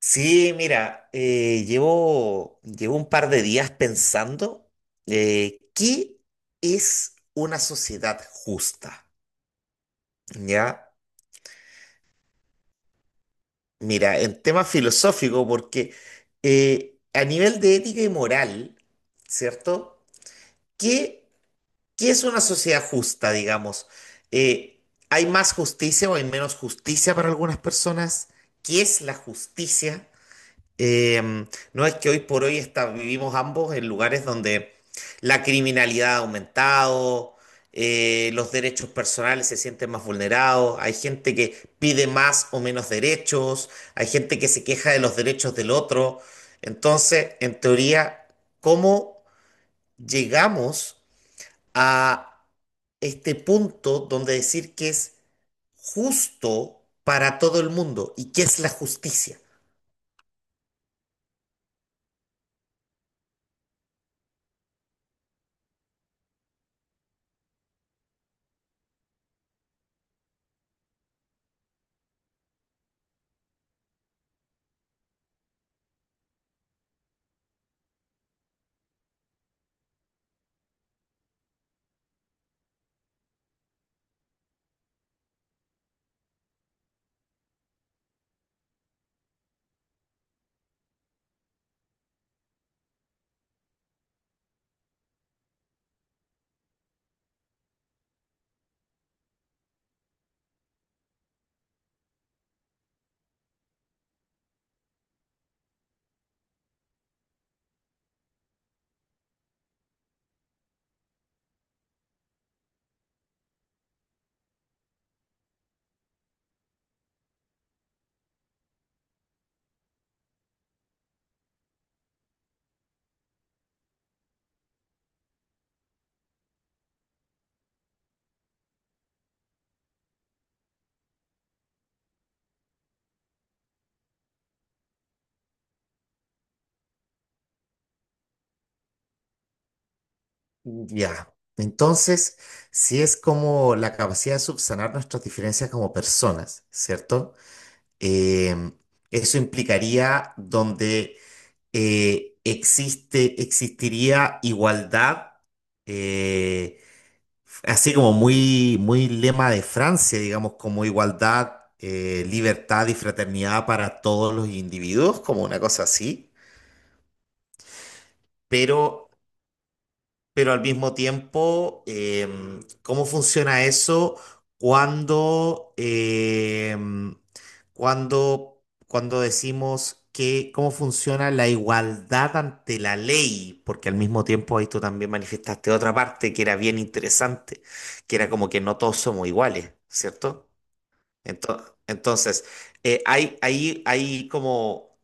Sí, mira, llevo un par de días pensando qué es una sociedad justa, ¿ya? Mira, en tema filosófico, porque a nivel de ética y moral, ¿cierto? ¿Qué, ¿qué es una sociedad justa, digamos? Eh, ¿Hay más justicia o hay menos justicia para algunas personas? ¿Qué es la justicia? Eh, no es que hoy por hoy está- vivimos ambos en lugares donde la criminalidad ha aumentado, los derechos personales se sienten más vulnerados, hay gente que pide más o menos derechos, hay gente que se queja de los derechos del otro. Entonces, en teoría, ¿cómo llegamos a este punto donde decir que es justo para todo el mundo y qué es la justicia? Ya. Entonces, si es como la capacidad de subsanar nuestras diferencias como personas, ¿cierto? Em, eso implicaría donde existiría igualdad, eh, así como muy lema de Francia, digamos, como igualdad, libertad y fraternidad para todos los individuos, como una cosa así, pero pero al mismo tiempo, ¿cómo funciona eso cuando, cuando decimos que cómo funciona la igualdad ante la ley? Porque al mismo tiempo ahí tú también manifestaste otra parte que era bien interesante, que era como que no todos somos iguales, ¿cierto? Entonces, hay como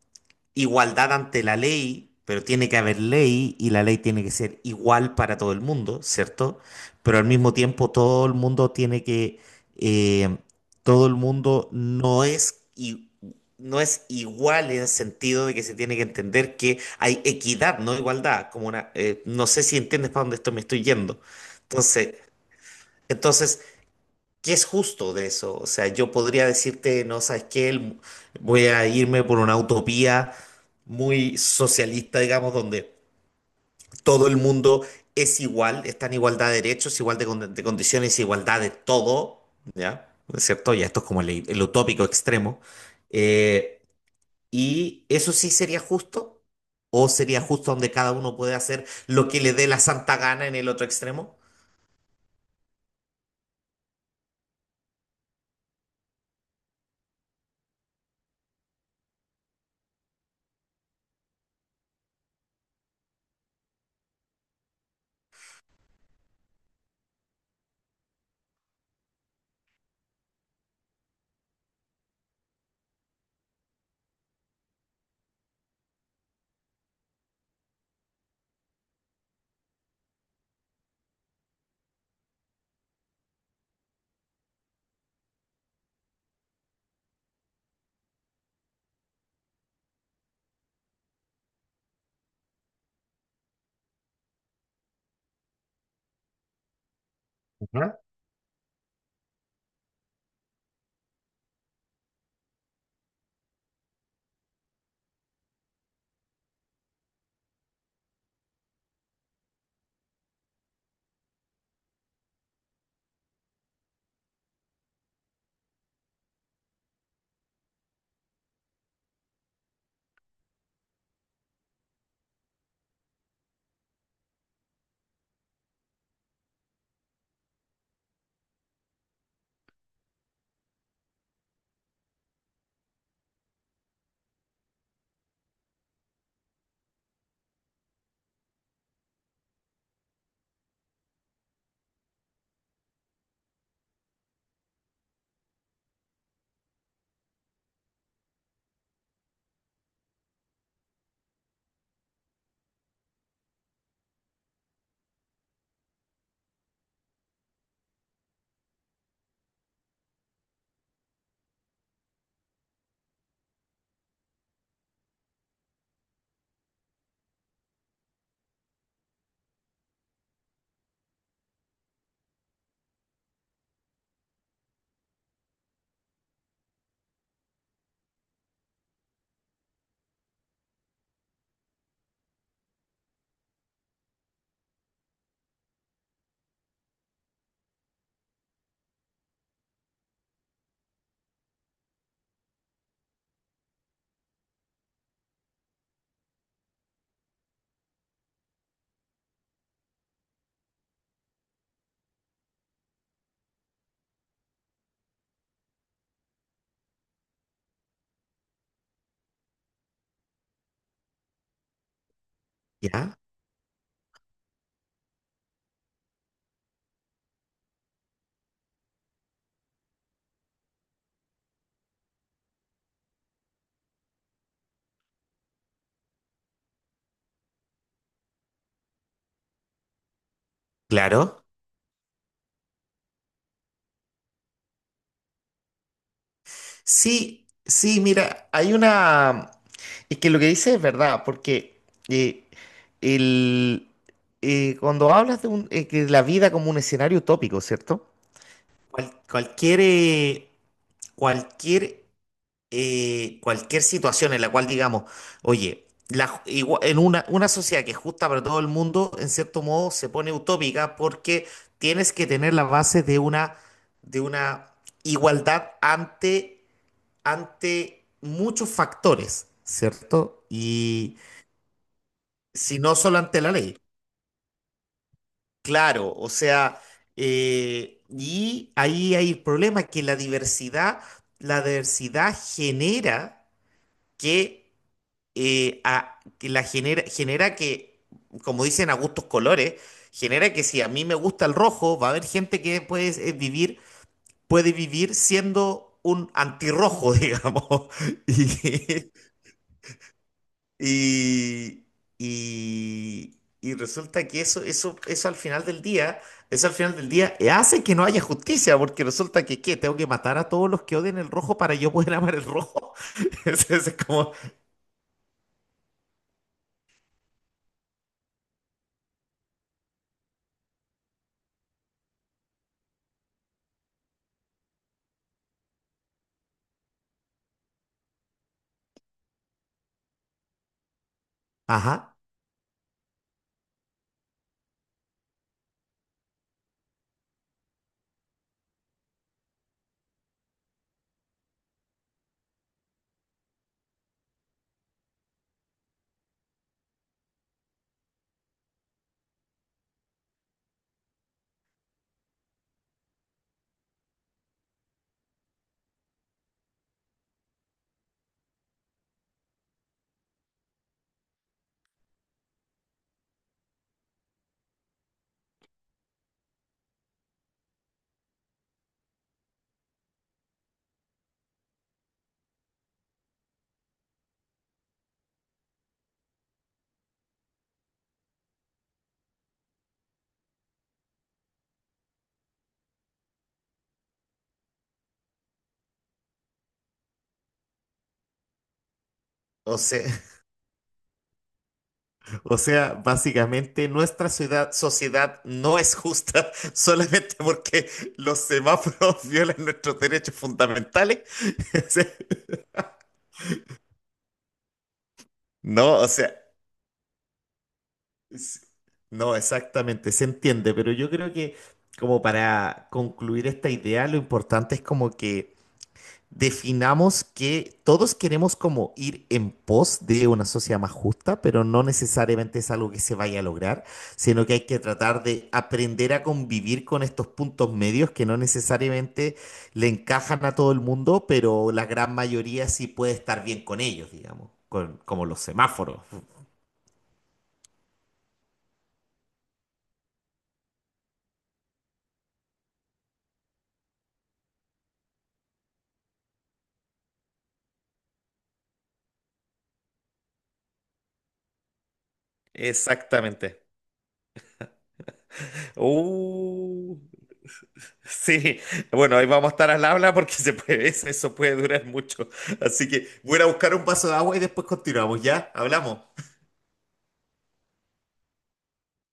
igualdad ante la ley, pero tiene que haber ley y la ley tiene que ser igual para todo el mundo, ¿cierto? Pero al mismo tiempo todo el mundo tiene que, eh, todo el mundo no es igual en el sentido de que se tiene que entender que hay equidad, no igualdad, como una, no sé si entiendes para dónde esto me estoy yendo. Entonces, entonces ¿qué es justo de eso? O sea, yo podría decirte, no sabes qué, voy a irme por una utopía muy socialista, digamos, donde todo el mundo es igual, está en igualdad de derechos, igual de, de condiciones, igualdad de todo, ¿ya? ¿No es cierto? Ya esto es como el utópico extremo. Eh, ¿Y eso sí sería justo? ¿O sería justo donde cada uno puede hacer lo que le dé la santa gana en el otro extremo? Ajá. ¿Ya? Claro. Sí, sí, mira, hay una... Es que lo que dices es verdad, porque eh, el, cuando hablas de, que la vida como un escenario utópico, ¿cierto? Cualquier, cualquier, cualquier situación en la cual digamos, oye, en una sociedad que es justa para todo el mundo, en cierto modo se pone utópica porque tienes que tener la base de una igualdad ante ante muchos factores, ¿cierto? Y si no solo ante la ley, claro, o sea, y ahí hay el problema que la diversidad genera que, genera que, como dicen a gustos colores, genera que si a mí me gusta el rojo, va a haber gente que puede vivir, puede vivir siendo un antirrojo, digamos. Y, Y, y resulta que eso, eso al final del día, eso al final del día hace que no haya justicia, porque resulta que, ¿qué? Tengo que matar a todos los que odien el rojo para yo poder amar el rojo. Es como, ajá. O sea, o sea, básicamente sociedad no es justa solamente porque los semáforos violan nuestros derechos fundamentales. O sea, no, o sea, S- no, exactamente, se entiende, pero yo creo que como para concluir esta idea, lo importante es como que definamos que todos queremos como ir en pos de una sociedad más justa, pero no necesariamente es algo que se vaya a lograr, sino que hay que tratar de aprender a convivir con estos puntos medios que no necesariamente le encajan a todo el mundo, pero la gran mayoría sí puede estar bien con ellos, digamos, con, como los semáforos. Exactamente. Uh, sí, bueno, ahí vamos a estar al habla porque se puede, eso puede durar mucho. Así que voy a ir a buscar un vaso de agua y después continuamos, ¿ya? Hablamos.